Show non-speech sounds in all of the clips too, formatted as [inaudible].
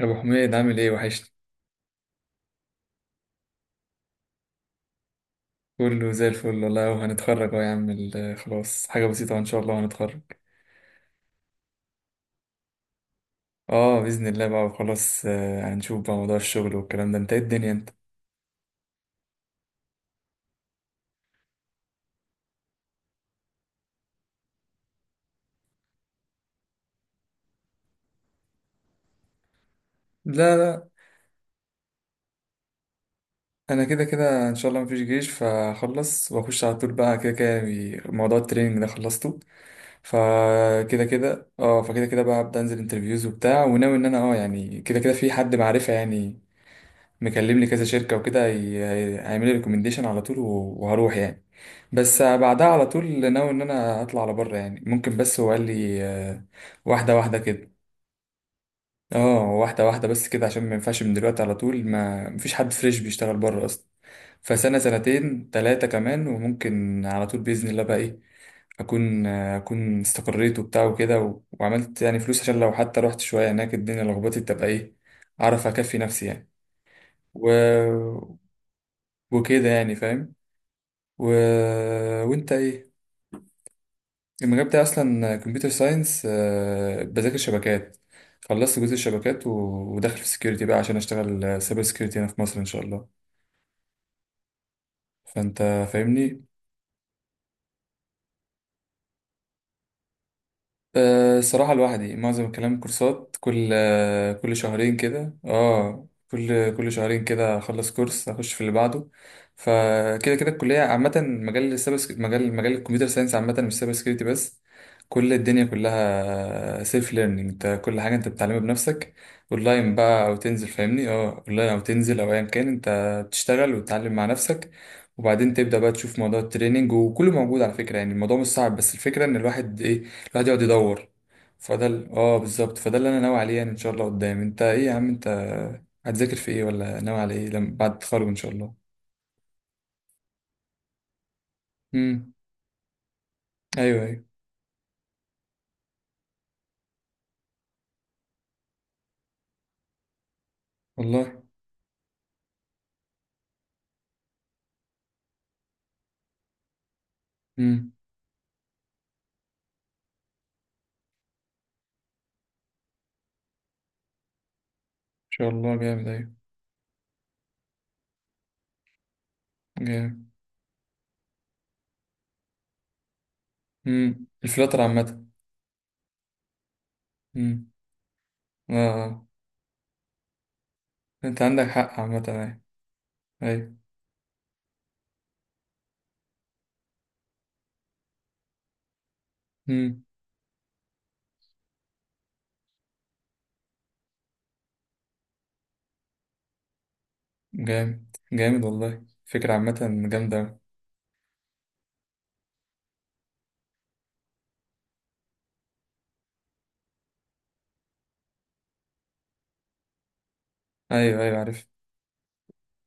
يا ابو حميد عامل ايه وحشني. كله زي الفل والله وهنتخرج اهو يا عم خلاص حاجه بسيطه ان شاء الله هنتخرج. اه باذن الله بقى وخلاص، هنشوف بقى موضوع الشغل والكلام ده انت ايه الدنيا انت. لا لا، انا كده كده ان شاء الله مفيش جيش فهخلص واخش على طول بقى كده كده، موضوع التريننج ده خلصته. فكده كده اه فكده كده بقى هبدا انزل انترفيوز وبتاع وناوي ان انا اه يعني كده كده في حد معرفه يعني مكلم لي كذا شركة وكده، هيعمل لي ريكومنديشن على طول وهروح يعني. بس بعدها على طول ناوي ان انا اطلع على بره يعني ممكن، بس هو قال لي آه، واحدة واحدة كده. اه واحدة واحدة بس كده عشان ما ينفعش من دلوقتي على طول، ما مفيش حد فريش بيشتغل بره اصلا. فسنة سنتين تلاتة كمان وممكن على طول بإذن الله بقى ايه، اكون اكون استقريت وبتاع وكده وعملت يعني فلوس، عشان لو حتى رحت شوية هناك الدنيا لخبطت تبقى ايه، اعرف اكفي نفسي يعني. و... وكده يعني فاهم. و... وانت ايه؟ المجال بتاعي اصلا كمبيوتر ساينس، بذاكر شبكات، خلصت جزء الشبكات وداخل في السكيورتي بقى عشان اشتغل سايبر سكيورتي هنا في مصر ان شاء الله. فانت فاهمني. أه صراحة لوحدي معظم الكلام كورسات، كل كل شهرين كده، اه كل شهرين كده اخلص كورس اخش في اللي بعده. فكده كده الكلية عامة، مجال مجال الكمبيوتر ساينس عامة، مش سايبر سكيورتي بس. كل الدنيا كلها سيلف ليرنينج، انت كل حاجة انت بتتعلمها بنفسك، اونلاين بقى او تنزل، فاهمني؟ اه اونلاين او تنزل او ايا كان، انت بتشتغل وتتعلم مع نفسك. وبعدين تبدأ بقى تشوف موضوع التريننج، وكله موجود على فكرة، يعني الموضوع مش صعب، بس الفكرة ان الواحد ايه، الواحد يقعد يدور. اه بالظبط، فده اللي انا ناوي عليه يعني ان شاء الله قدام. انت ايه يا عم انت؟ هتذاكر في ايه ولا ناوي على ايه لما بعد التخرج ان شاء الله؟ امم. ايوه ايوه. والله. امم، ان شاء الله جامد. ايوه جامد. امم، الفلاتر عامه. امم، اه آه. انت عندك حق عامه، ايوه. ايوه. امم. جامد جامد والله فكره عامه. جامده أوي. ايوه ايوه عارف.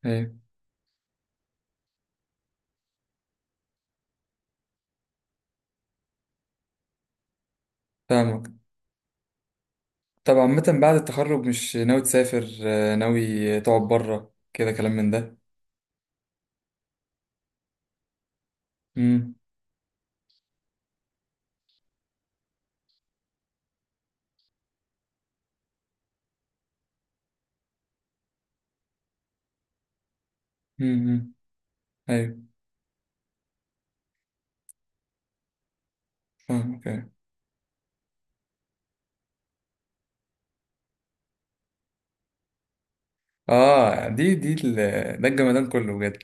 ايوه. فاهمك. طب عامه بعد التخرج مش ناوي تسافر، ناوي تقعد بره كده كلام من ده؟ امم. امم. ايوه. فاهمك ايوه. اه دي ده الجمدان كله بجد.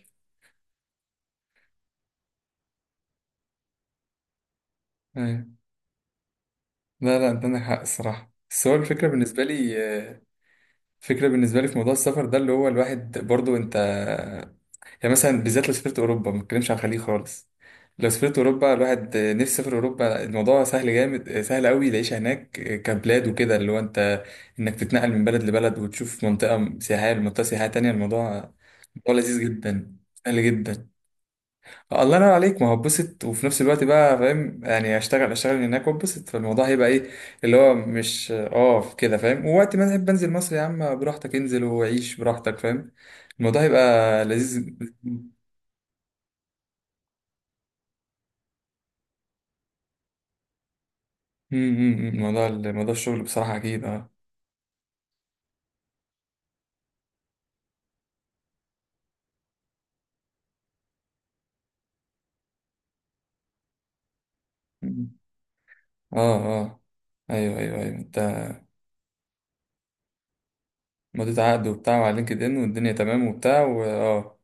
ايوه. لا لا انت عندك حق الصراحه، بس هو الفكره بالنسبه لي، آه، الفكره بالنسبه لي في موضوع السفر ده اللي هو الواحد برضو انت، يعني مثلا بالذات لو سافرت اوروبا، ما بتكلمش عن الخليج خالص، لو سافرت اوروبا الواحد، آه، نفسي يسافر اوروبا، الموضوع سهل جامد، آه، سهل قوي، العيشه هناك، آه، كبلاد وكده، اللي هو انت انك تتنقل من بلد لبلد وتشوف منطقه سياحيه لمنطقه سياحيه تانية، الموضوع، الموضوع لذيذ جدا، سهل جدا. آه، الله ينور عليك، ما هو اتبسط وفي نفس الوقت بقى فاهم، يعني اشتغل هناك واتبسط، فالموضوع هيبقى ايه، اللي هو مش اه كده فاهم، ووقت ما تحب انزل مصر يا عم براحتك، انزل وعيش براحتك فاهم. الموضوع هيبقى لذيذ. موضوع الشغل بصراحة اكيد اه. م- اه. اه. ايوه ايوه ايوه انت مضيت عقد وبتاع وعلى لينكد ان والدنيا تمام وبتاع واه.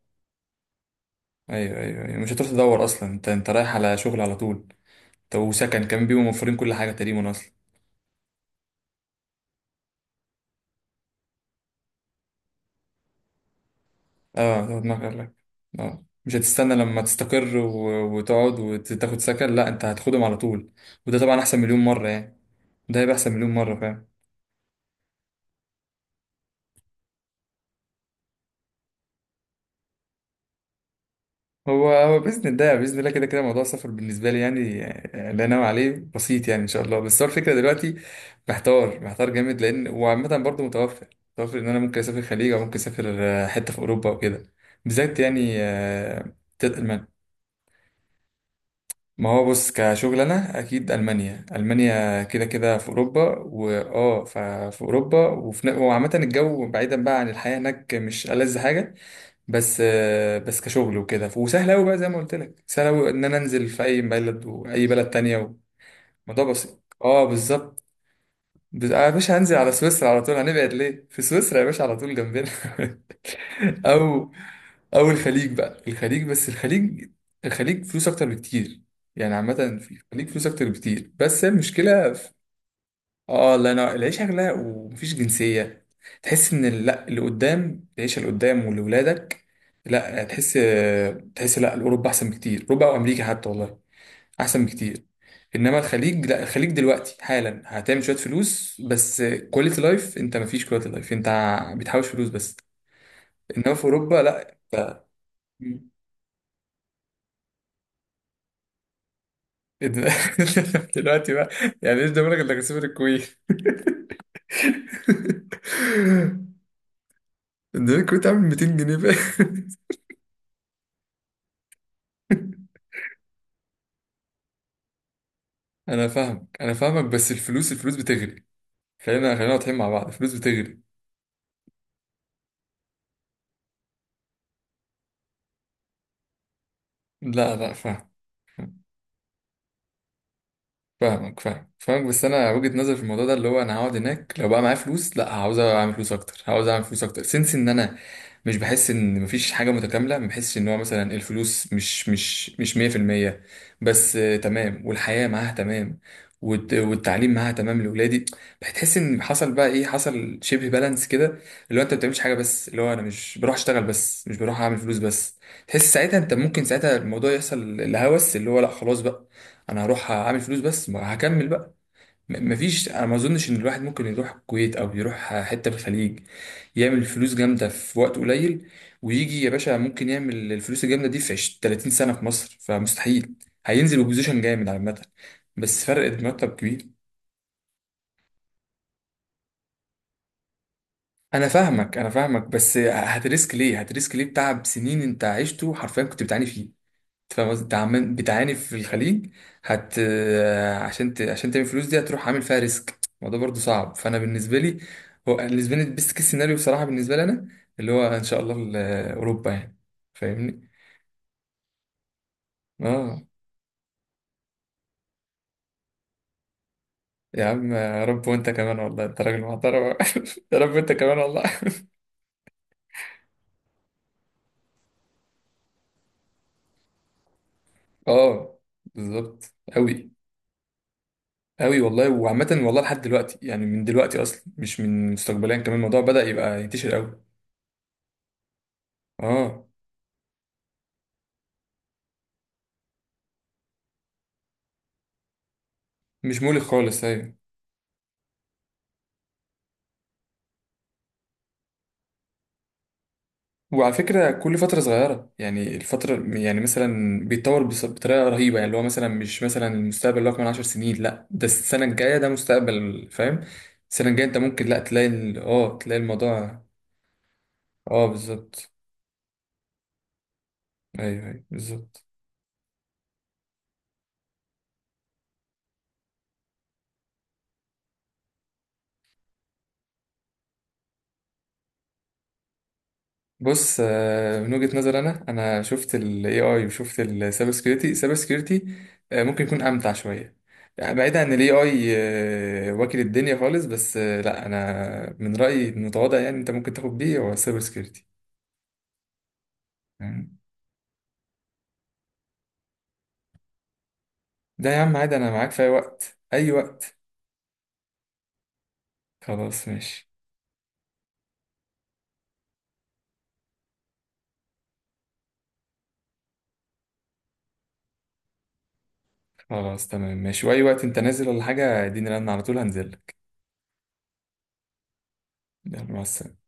ايوه ايوه ايوه، مش هتروح تدور اصلا، انت انت رايح على شغل على طول. طب وسكن كمان بيبقوا موفرين كل حاجة تقريبا اصلا. اه زي ما دماغك قال لك. اه مش هتستنى لما تستقر وتقعد وتاخد سكن، لا انت هتاخدهم على طول. وده طبعا احسن مليون مرة يعني. ده هيبقى احسن مليون مرة فاهم. هو هو بإذن الله، بإذن الله كده كده موضوع السفر بالنسبة لي يعني، آه، لا نوى عليه بسيط يعني إن شاء الله، بس هو الفكرة دلوقتي محتار، محتار جامد، لأن وعامة برضه متوفر، متوفر إن أنا ممكن أسافر الخليج أو ممكن أسافر، آه، حتة في أوروبا وكده بالذات يعني آه، ما هو بص كشغل انا اكيد المانيا، المانيا كده كده في اوروبا واه ففي اوروبا وفي وعامه الجو بعيدا بقى عن الحياه هناك مش ألذ حاجه، بس آه، بس كشغل وكده وسهل قوي بقى، زي ما قلت لك سهل قوي ان انا انزل في اي بلد واي بلد تانية، الموضوع بسيط اه بالظبط. آه، يا باشا هنزل على سويسرا على طول، هنبعد ليه في سويسرا يا باشا على طول جنبنا. [laughs] او، او الخليج بقى، الخليج بس الخليج، الخليج فلوس اكتر بكتير يعني عامه. في الخليج فلوس اكتر بكتير، بس المشكله في... اه الله ينور، العيشه غلا ومفيش جنسيه، تحس ان لا، اللي قدام العيشه اللي قدام واللي ولادك، لا تحس، تحس لا، اوروبا احسن بكتير، اوروبا او امريكا حتى والله احسن بكتير. انما الخليج لا، الخليج دلوقتي حالا هتعمل شويه فلوس بس، كواليتي لايف انت مفيش كواليتي لايف انت، بتحوش فلوس بس. انما في اوروبا لا. [laughs] دلوقتي بقى، يعني ايش ضمنك انك هتسافر الكويت؟ [laughs] ده الكويت عامل 200 جنيه بقى. [laughs] انا فاهمك انا فاهمك، بس الفلوس، الفلوس بتغلي، خلينا خلينا واضحين مع بعض، الفلوس بتغلي. لا لا فاهم. فاهمك، فاهم، فاهمك، بس انا وجهة نظري في الموضوع ده اللي هو انا هقعد هناك لو بقى معايا فلوس، لا عاوز اعمل فلوس اكتر، عاوز اعمل فلوس اكتر سنس ان انا مش بحس ان مفيش حاجه متكامله، ما بحسش ان هو مثلا الفلوس مش 100%، بس آه، تمام والحياه معاها تمام والتعليم معاها تمام لاولادي. بتحس ان حصل بقى ايه، حصل شبه بالانس كده، اللي هو انت ما بتعملش حاجه بس، اللي هو انا مش بروح اشتغل بس، مش بروح اعمل فلوس بس، تحس ساعتها انت ممكن ساعتها الموضوع يحصل الهوس، اللي هو لا خلاص بقى انا هروح اعمل فلوس بس، ما هكمل بقى. مفيش، انا ما اظنش ان الواحد ممكن يروح الكويت او يروح حته في الخليج يعمل فلوس جامده في وقت قليل، ويجي يا باشا، ممكن يعمل الفلوس الجامده دي في 20 30 سنه في مصر، فمستحيل هينزل بوزيشن جامد عامه، بس فرق مرتب كبير. انا فاهمك انا فاهمك، بس هتريسك ليه، هتريسك ليه بتعب سنين انت عشته حرفيا كنت بتعاني فيه، فاهم قصدي؟ انت عمال بتعاني في الخليج، آه، عشان ت... عشان تعمل فلوس دي هتروح عامل فيها ريسك، الموضوع برضو صعب، فانا بالنسبه لي، هو بالنسبه لي البيست كيس سيناريو بصراحه بالنسبه لي انا، اللي هو ان شاء الله آه، اوروبا يعني، فاهمني. اه. يا عم يا رب، وانت كمان والله، انت راجل محترم. [laughs] يا رب انت كمان والله. اه بالظبط قوي، قوي والله، وعامه والله لحد دلوقتي يعني، من دلوقتي اصلا مش من مستقبليا كمان، الموضوع بدأ يبقى ينتشر قوي. اه مش مولي خالص، ايوه. وعلى فكرة كل فترة صغيرة يعني الفترة يعني مثلا بيتطور بطريقة رهيبة يعني، اللي هو مثلا مش مثلا المستقبل اللي هو كمان عشر سنين، لا ده السنة الجاية ده مستقبل فاهم. السنة الجاية انت ممكن لا تلاقي اه تلاقي الموضوع. اه بالظبط. ايوه ايوه بالظبط. بص آه، من وجهة نظر انا، انا شفت ال AI وشفت ال cyber security، cyber security، آه، ممكن يكون امتع شوية، يعني بعيد عن ال AI، آه، واكل الدنيا خالص، بس آه، لا انا من رأيي المتواضع يعني انت ممكن تاخد بيه هو cyber security. تمام؟ ده يا عم عادي، انا معاك في اي وقت، اي وقت. خلاص ماشي. خلاص تمام ماشي، واي وقت انت نازل ولا حاجة اديني رن على طول هنزل لك. يلا مع السلامة.